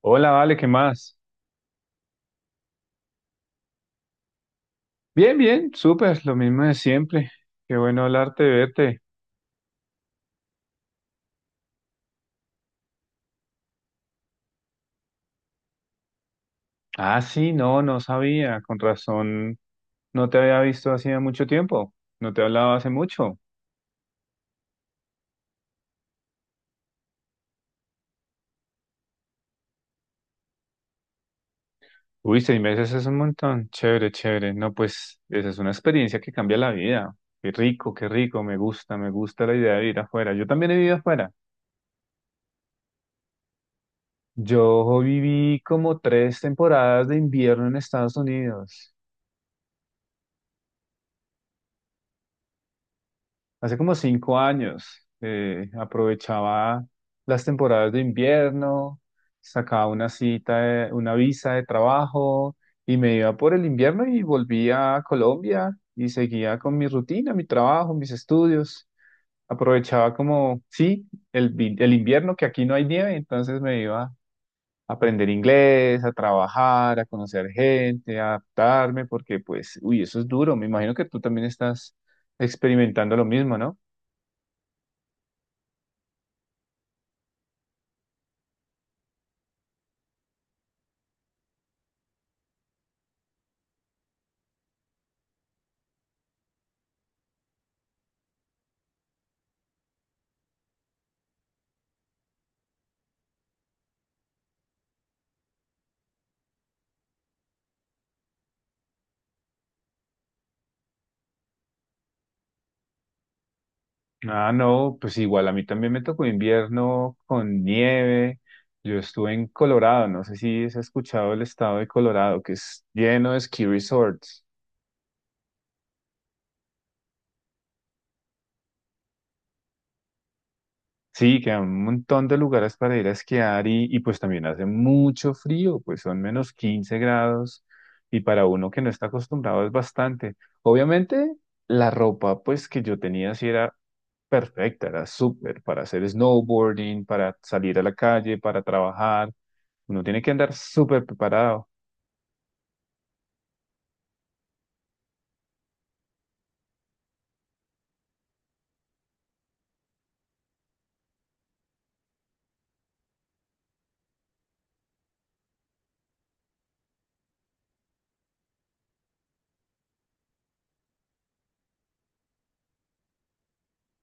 Hola, Vale, ¿qué más? Bien, bien, súper, lo mismo de siempre. Qué bueno hablarte, verte. Ah, sí, no, no sabía, con razón, no te había visto hacía mucho tiempo, no te hablaba hace mucho. Uy, 6 meses es un montón, chévere, chévere. No, pues, esa es una experiencia que cambia la vida. Qué rico, me gusta la idea de ir afuera. Yo también he vivido afuera. Yo viví como tres temporadas de invierno en Estados Unidos. Hace como 5 años aprovechaba las temporadas de invierno, sacaba una cita, una visa de trabajo y me iba por el invierno y volvía a Colombia y seguía con mi rutina, mi trabajo, mis estudios. Aprovechaba como, sí, el invierno que aquí no hay nieve, entonces me iba a aprender inglés, a trabajar, a conocer gente, a adaptarme, porque pues, uy, eso es duro. Me imagino que tú también estás experimentando lo mismo, ¿no? Ah, no, pues igual a mí también me tocó invierno con nieve. Yo estuve en Colorado, no sé si has escuchado el estado de Colorado, que es lleno de ski resorts. Sí, que hay un montón de lugares para ir a esquiar y pues también hace mucho frío, pues son menos 15 grados y para uno que no está acostumbrado es bastante. Obviamente la ropa pues que yo tenía sí era perfecta, era súper para hacer snowboarding, para salir a la calle, para trabajar. Uno tiene que andar súper preparado.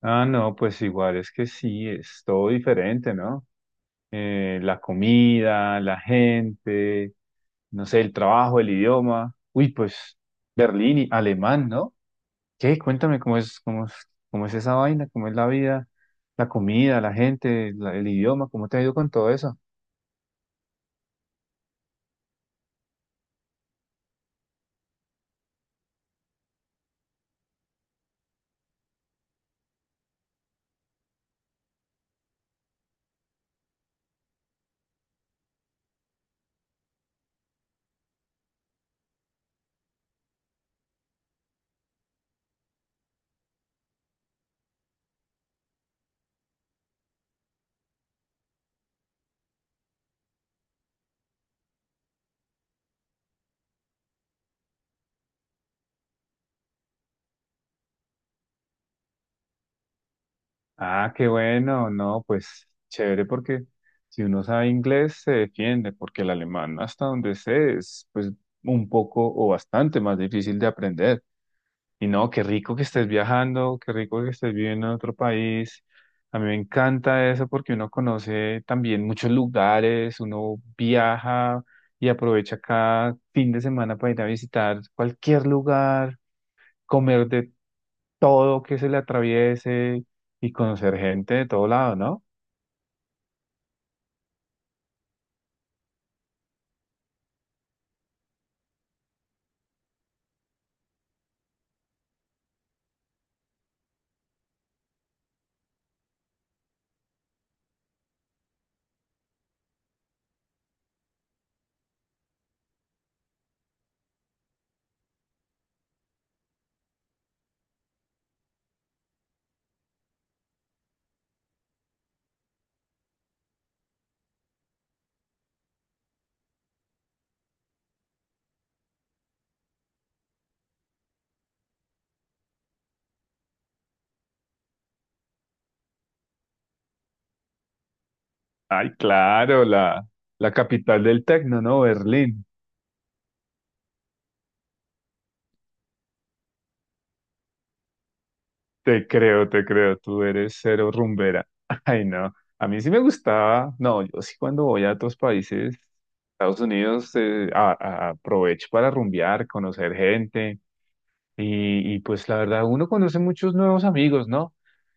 Ah, no, pues igual es que sí, es todo diferente, ¿no? La comida, la gente, no sé, el trabajo, el idioma. Uy, pues Berlín y alemán, ¿no? ¿Qué? Cuéntame cómo es, cómo es, cómo es esa vaina, cómo es la vida, la comida, la gente, el idioma, ¿cómo te ha ido con todo eso? Ah, qué bueno, no, pues chévere porque si uno sabe inglés se defiende, porque el alemán hasta donde sé es pues un poco o bastante más difícil de aprender. Y no, qué rico que estés viajando, qué rico que estés viviendo en otro país. A mí me encanta eso porque uno conoce también muchos lugares, uno viaja y aprovecha cada fin de semana para ir a visitar cualquier lugar, comer de todo que se le atraviese y conocer gente de todo lado, ¿no? Ay, claro, la capital del tecno, ¿no? Berlín. Te creo, tú eres cero rumbera. Ay, no. A mí sí me gustaba. No, yo sí cuando voy a otros países, Estados Unidos, aprovecho para rumbear, conocer gente. Y pues la verdad, uno conoce muchos nuevos amigos, ¿no?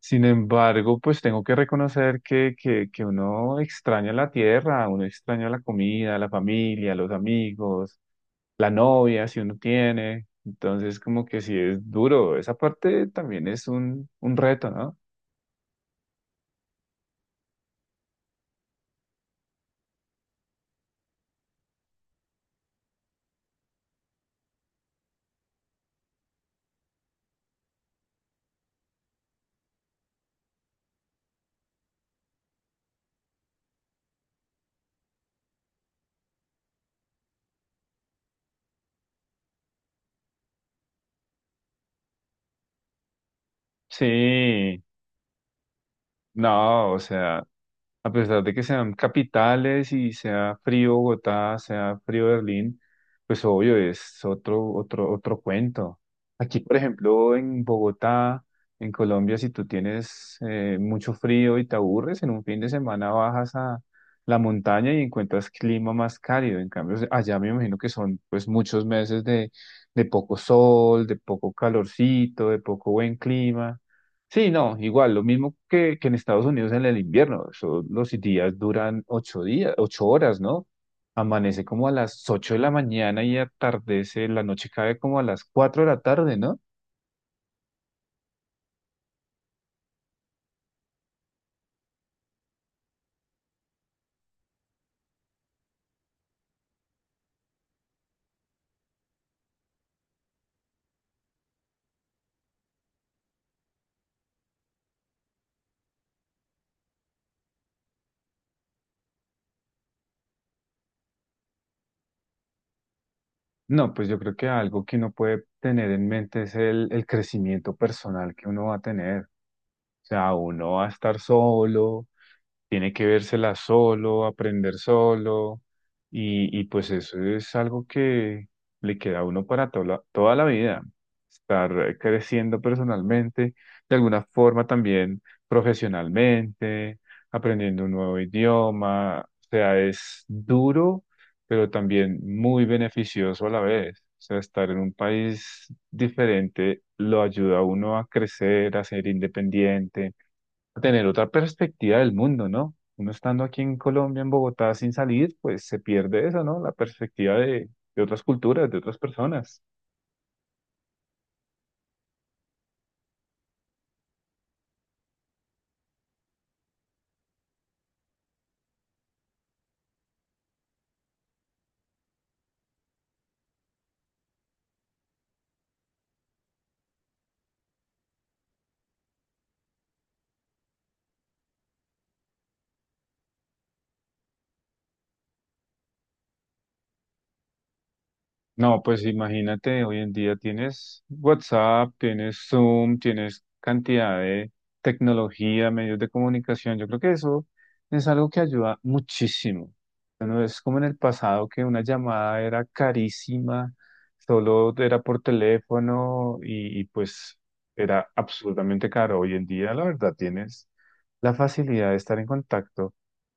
Sin embargo, pues tengo que reconocer que uno extraña la tierra, uno extraña la comida, la familia, los amigos, la novia, si uno tiene. Entonces, como que sí es duro. Esa parte también es un reto, ¿no? Sí. No, o sea, a pesar de que sean capitales y sea frío Bogotá, sea frío Berlín, pues obvio es otro, otro, otro cuento. Aquí, por ejemplo, en Bogotá, en Colombia, si tú tienes mucho frío y te aburres, en un fin de semana bajas a la montaña y encuentras clima más cálido. En cambio, allá me imagino que son pues muchos meses de poco sol, de poco calorcito, de poco buen clima. Sí, no, igual, lo mismo que en Estados Unidos en el invierno. Eso, los días duran 8 días, 8 horas, ¿no? Amanece como a las 8 de la mañana y atardece, la noche cae como a las 4 de la tarde, ¿no? No, pues yo creo que algo que uno puede tener en mente es el crecimiento personal que uno va a tener. O sea, uno va a estar solo, tiene que vérsela solo, aprender solo, y pues eso es algo que le queda a uno para toda la vida, estar creciendo personalmente, de alguna forma también profesionalmente, aprendiendo un nuevo idioma, o sea, es duro, pero también muy beneficioso a la vez. O sea, estar en un país diferente lo ayuda a uno a crecer, a ser independiente, a tener otra perspectiva del mundo, ¿no? Uno estando aquí en Colombia, en Bogotá, sin salir, pues se pierde eso, ¿no? La perspectiva de otras culturas, de otras personas. No, pues imagínate, hoy en día tienes WhatsApp, tienes Zoom, tienes cantidad de tecnología, medios de comunicación. Yo creo que eso es algo que ayuda muchísimo. Ya no es como en el pasado que una llamada era carísima, solo era por teléfono y pues era absolutamente caro. Hoy en día, la verdad, tienes la facilidad de estar en contacto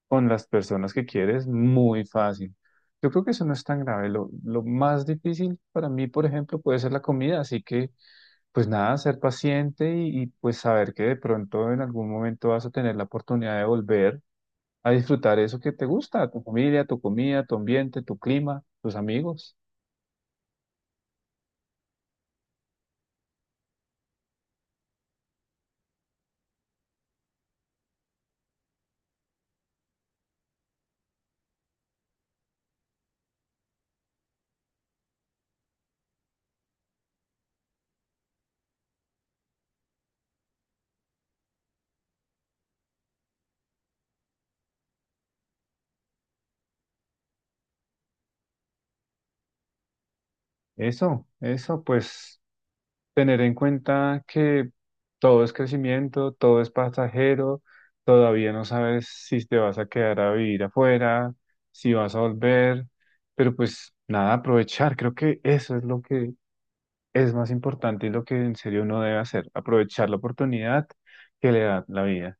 con las personas que quieres, muy fácil. Yo creo que eso no es tan grave. Lo más difícil para mí, por ejemplo, puede ser la comida. Así que, pues nada, ser paciente pues saber que de pronto en algún momento vas a tener la oportunidad de volver a disfrutar eso que te gusta, tu familia, tu comida, tu ambiente, tu clima, tus amigos. Eso, pues tener en cuenta que todo es crecimiento, todo es pasajero, todavía no sabes si te vas a quedar a vivir afuera, si vas a volver, pero pues nada, aprovechar, creo que eso es lo que es más importante y lo que en serio uno debe hacer, aprovechar la oportunidad que le da la vida.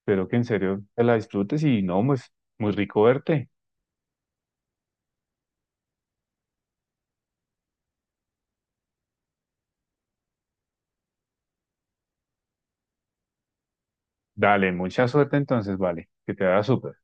Espero que en serio te la disfrutes y no, pues muy rico verte. Dale, mucha suerte entonces, vale, que te haga súper.